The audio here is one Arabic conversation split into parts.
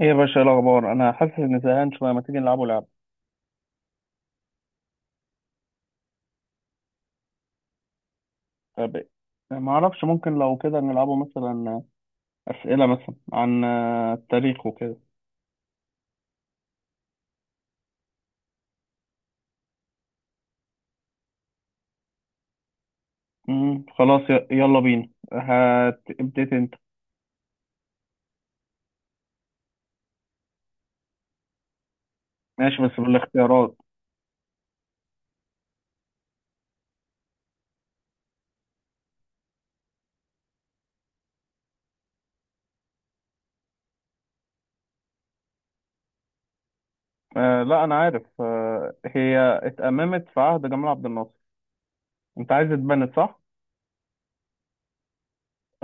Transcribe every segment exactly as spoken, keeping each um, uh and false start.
ايه يا باشا، إيه الاخبار؟ انا حاسس اني زهقان شويه، ما تيجي نلعبوا لعبه؟ طب إيه؟ ما اعرفش، ممكن لو كده نلعبوا مثلا اسئله مثلا عن آه، التاريخ وكده. امم خلاص، ي- يلا بينا، هتبتدي انت. ماشي، بس بالاختيارات. آه لا انا عارف، آه هي اتأممت في عهد جمال عبد الناصر. انت عايز اتبنت، صح؟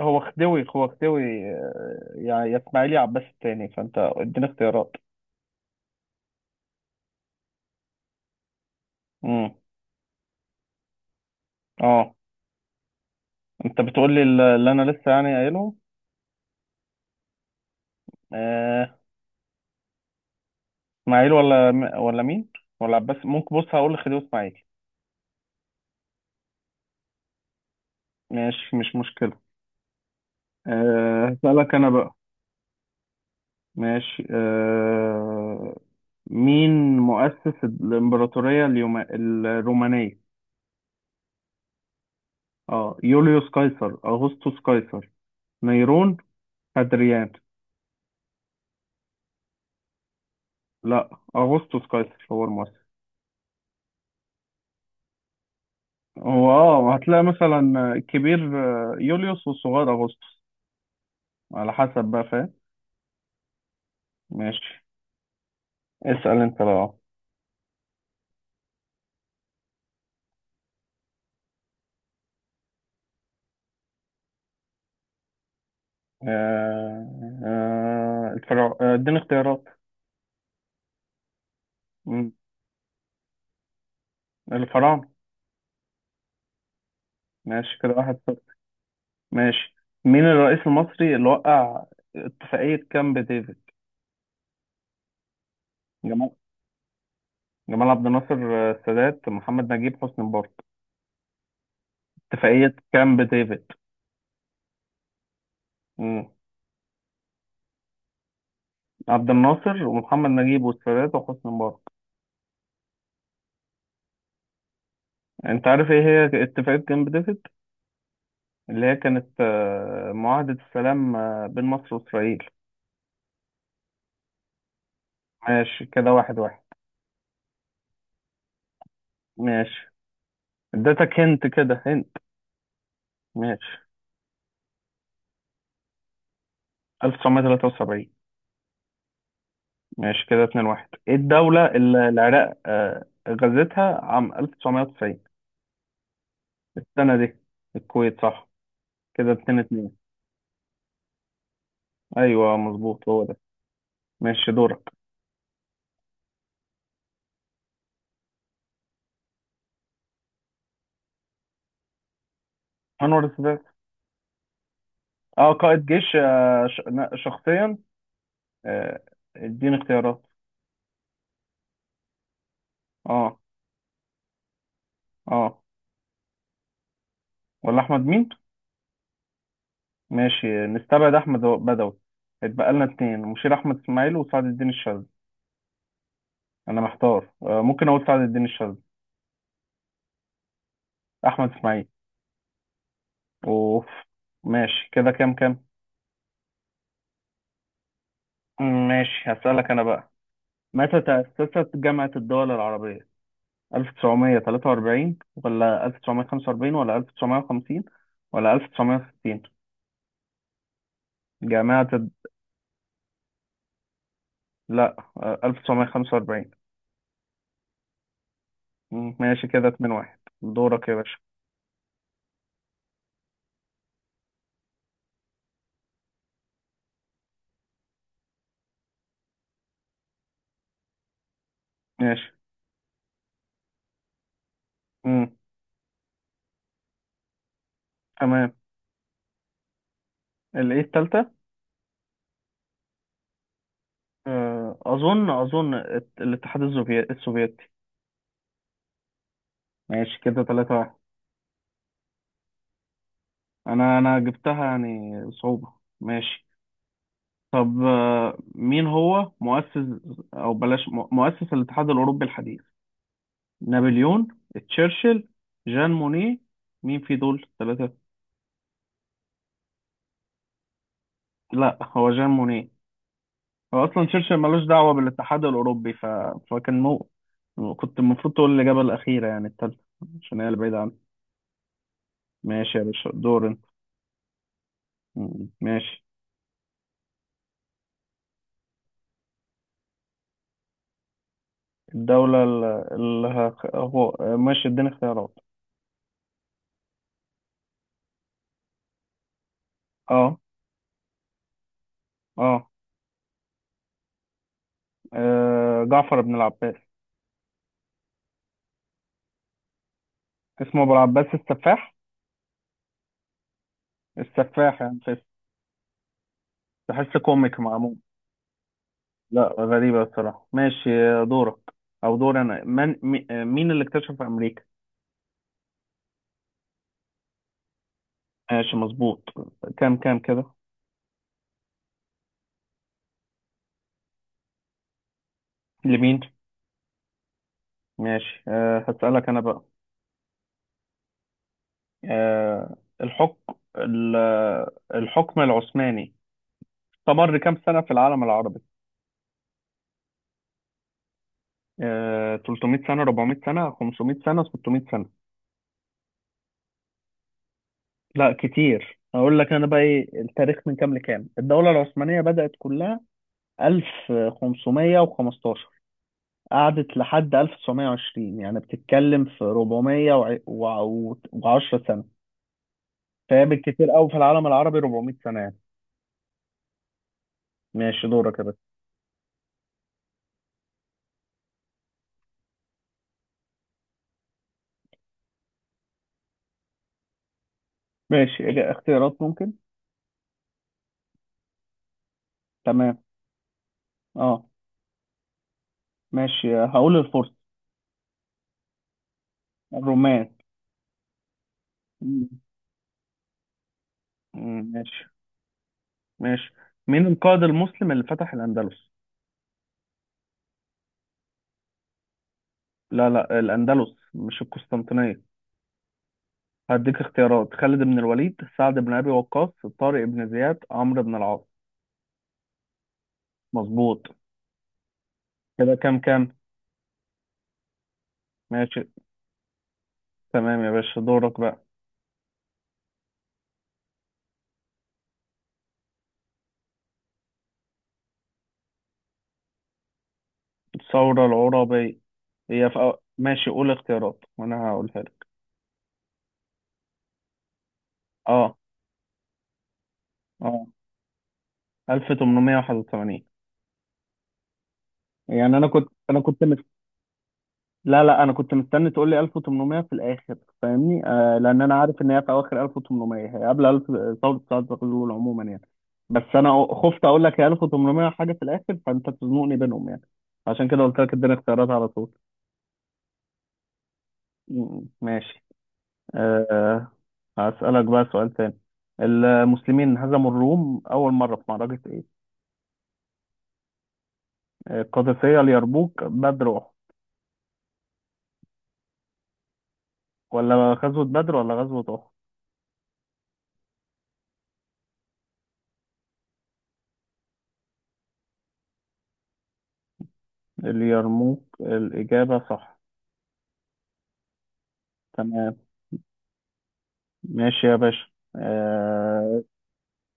هو خديوي، هو خديوي. آه، يعني يا اسماعيلي عباس التاني، فانت اديني اختيارات. امم اه. انت بتقول لي اللي انا لسه يعني قايلهم؟ اسماعيل ولا م- ولا مين؟ ولا عباس؟ ممكن بص، هقول لخديوي اسماعيل. ماشي، مش مشكلة. أه هسألك أنا بقى. ماشي. أه مين مؤسس الإمبراطورية اليوما- الرومانية؟ اه يوليوس قيصر، أغسطس قيصر، نيرون، أدريان. لا، أغسطس قيصر هو المؤسس. هو اه هتلاقي مثلا الكبير، آه، يوليوس والصغير أغسطس، على حسب بقى، فاهم؟ ماشي، اسأل انت بقى. آه آه الفراعنة. آه اديني اختيارات. مم. الفراعنة. ماشي، كده واحد صفر. ماشي. مين الرئيس المصري اللي وقع اتفاقية كامب ديفيد؟ جمال جمال عبد الناصر، آه، السادات، محمد نجيب، حسني مبارك. اتفاقية كامب ديفيد. مم. عبد الناصر ومحمد نجيب والسادات وحسني مبارك. انت عارف ايه هي اتفاقية كامب ديفيد؟ اللي هي كانت آه، معاهدة السلام آه، بين مصر وإسرائيل. ماشي، كده واحد واحد. ماشي، اديتك، هنت كده هنت. ماشي. ألف وتسعميه وتلاته وسبعين. ماشي، كده اتنين واحد. ايه الدولة اللي العراق آه، غزتها عام ألف وتسعميه وتسعين؟ السنة دي، الكويت صح. كده اتنين اتنين. ايوه، مظبوط هو ده. ماشي، دورك. انور السادات. اه قائد جيش آه، ش- نا- شخصيا. آه، اديني اختيارات. اه. اه. ولا احمد مين؟ ماشي، نستبعد احمد بدوي. اتبقى لنا اتنين، مشير احمد اسماعيل وسعد الدين الشاذلي. انا محتار. آه، ممكن اقول سعد الدين الشاذلي. احمد اسماعيل؟ اوف. ماشي، كده كام كام؟ ماشي، هسألك انا بقى. متى تأسست جامعة الدول العربية؟ ألف وتسعميه وتلاته واربعين ولا ألف وتسعميه وخمسه واربعين ولا ألف وتسعميه وخمسين ولا ألف وتسعميه وستين؟ جامعة الد... لا، آه، ألف وتسعميه وخمسه واربعين. مم، ماشي، كده اتنين واحد. دورك يا باشا. ماشي. مم، تمام. الايه التالتة. آه، اظن اظن الت- الاتحاد السوفي- السوفيتي. ماشي، كده تلاته واحد. انا انا جبتها يعني صعوبة. ماشي. طب آه، مين هو مؤسس، او بلاش مؤ- مؤسس الاتحاد الاوروبي الحديث؟ نابليون، تشرشل، جان مونيه. مين في دول ثلاثة؟ لا، هو جان مونيه. هو اصلا تشرشل ملوش دعوة بالاتحاد الاوروبي ف... فكان مو كنت المفروض تقول الاجابة الاخيرة يعني الثالثة، عشان هي اللي بعيدة عنها. ماشي يا باشا، دور انت. م- ماشي. الدولة اللي هخ... هو ماشي، اديني اختيارات. اه. اه. آه، جعفر بن العباس. اسمه ابو العباس السفاح. السفاح، يعني تحس، تحس كوميك معمول. لا، غريبة الصراحة. ماشي، دورك. أو دور أنا، من مي- مين اللي اكتشف أمريكا؟ ماشي، مظبوط. كام كام كده؟ لمين؟ ماشي. أه هسألك أنا بقى. أه الحكم ال- الحكم العثماني استمر كام سنة في العالم العربي؟ أه تلتميه سنة، اربعميه سنة، خمسميه سنة، ستميه سنة؟ لا كتير. أقول لك أنا بقى إيه التاريخ من كام لكام؟ الدولة العثمانية بدأت كلها ألف وخمسميه وخمستاشر، قعدت لحد ألف وتسعميه وعشرين، يعني بتتكلم في اربعميه وعشره سنة. فهي بالكتير قوي في العالم العربي اربعميه سنة يعني. ماشي، دورك يا باشا. ماشي. إجا- اختيارات ممكن. تمام. اه. ماشي، هقول الفرس. الرومان. مم. مم، ماشي. ماشي. مين القائد المسلم اللي فتح الأندلس؟ لا، لا، الأندلس مش القسطنطينية. هديك اختيارات، خالد بن الوليد، سعد بن أبي وقاص، طارق بن زياد، عمرو بن العاص. مظبوط. كده كام كام؟ ماشي، تمام يا باشا، دورك بقى. الثورة العرابية. هي في أو... ماشي، قول اختيارات وانا هقولها لك. اه اه ألف وتمنميه وواحد وتمانين. يعني انا كنت انا كنت مست... لا، لا، انا كنت مستني تقول لي ألف وتمنميه في الاخر، فاهمني. آه لان انا عارف ان هي في اواخر ألف وتمنميه، هي قبل ألف. ثورة سعد زغلول عموما يعني. بس انا خفت اقول لك هي ألف وتمنميه حاجة في الاخر، فانت تزنقني بينهم يعني. عشان كده قلت لك اديني اختيارات على طول. م- ماشي. آه، هسألك بقى سؤال تاني. المسلمين هزموا الروم أول مرة في معركة إيه؟ القادسية، اليرموك، بدر، أحد. ولا غزوة بدر ولا غزوة أحد؟ اليرموك الإجابة صح. تمام. ماشي يا باشا. آه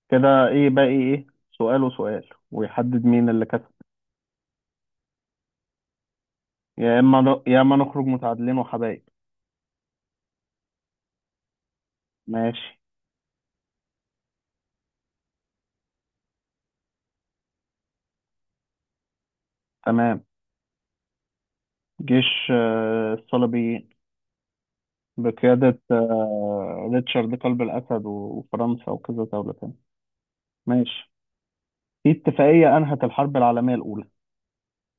كده إيه باقي، إيه؟ إيه؟ سؤال وسؤال ويحدد مين اللي كسب. يا إما ن- يا إما نخرج متعادلين وحبايب. ماشي. تمام. جيش آه الصليبيين. بقيادة آه ريتشارد قلب الأسد و- وفرنسا وكذا دولة تانية. ماشي. في اتفاقية أنهت الحرب العالمية الأولى،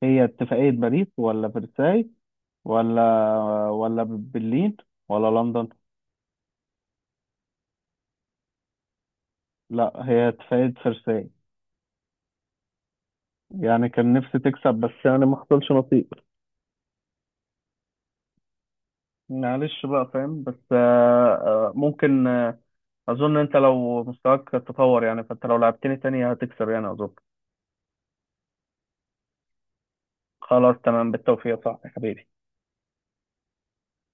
هي اتفاقية باريس ولا فرساي ولا ولا برلين ولا لندن؟ لا، هي اتفاقية فرساي. يعني كان نفسي تكسب بس يعني ما حصلش نصيب. معلش بقى، فاهم؟ بس آه، آه، ممكن، آه، أظن أنت لو مستواك تطور يعني، فأنت لو لعبتني تاني هتكسب يعني، أظن. خلاص تمام، بالتوفيق، صح يا حبيبي.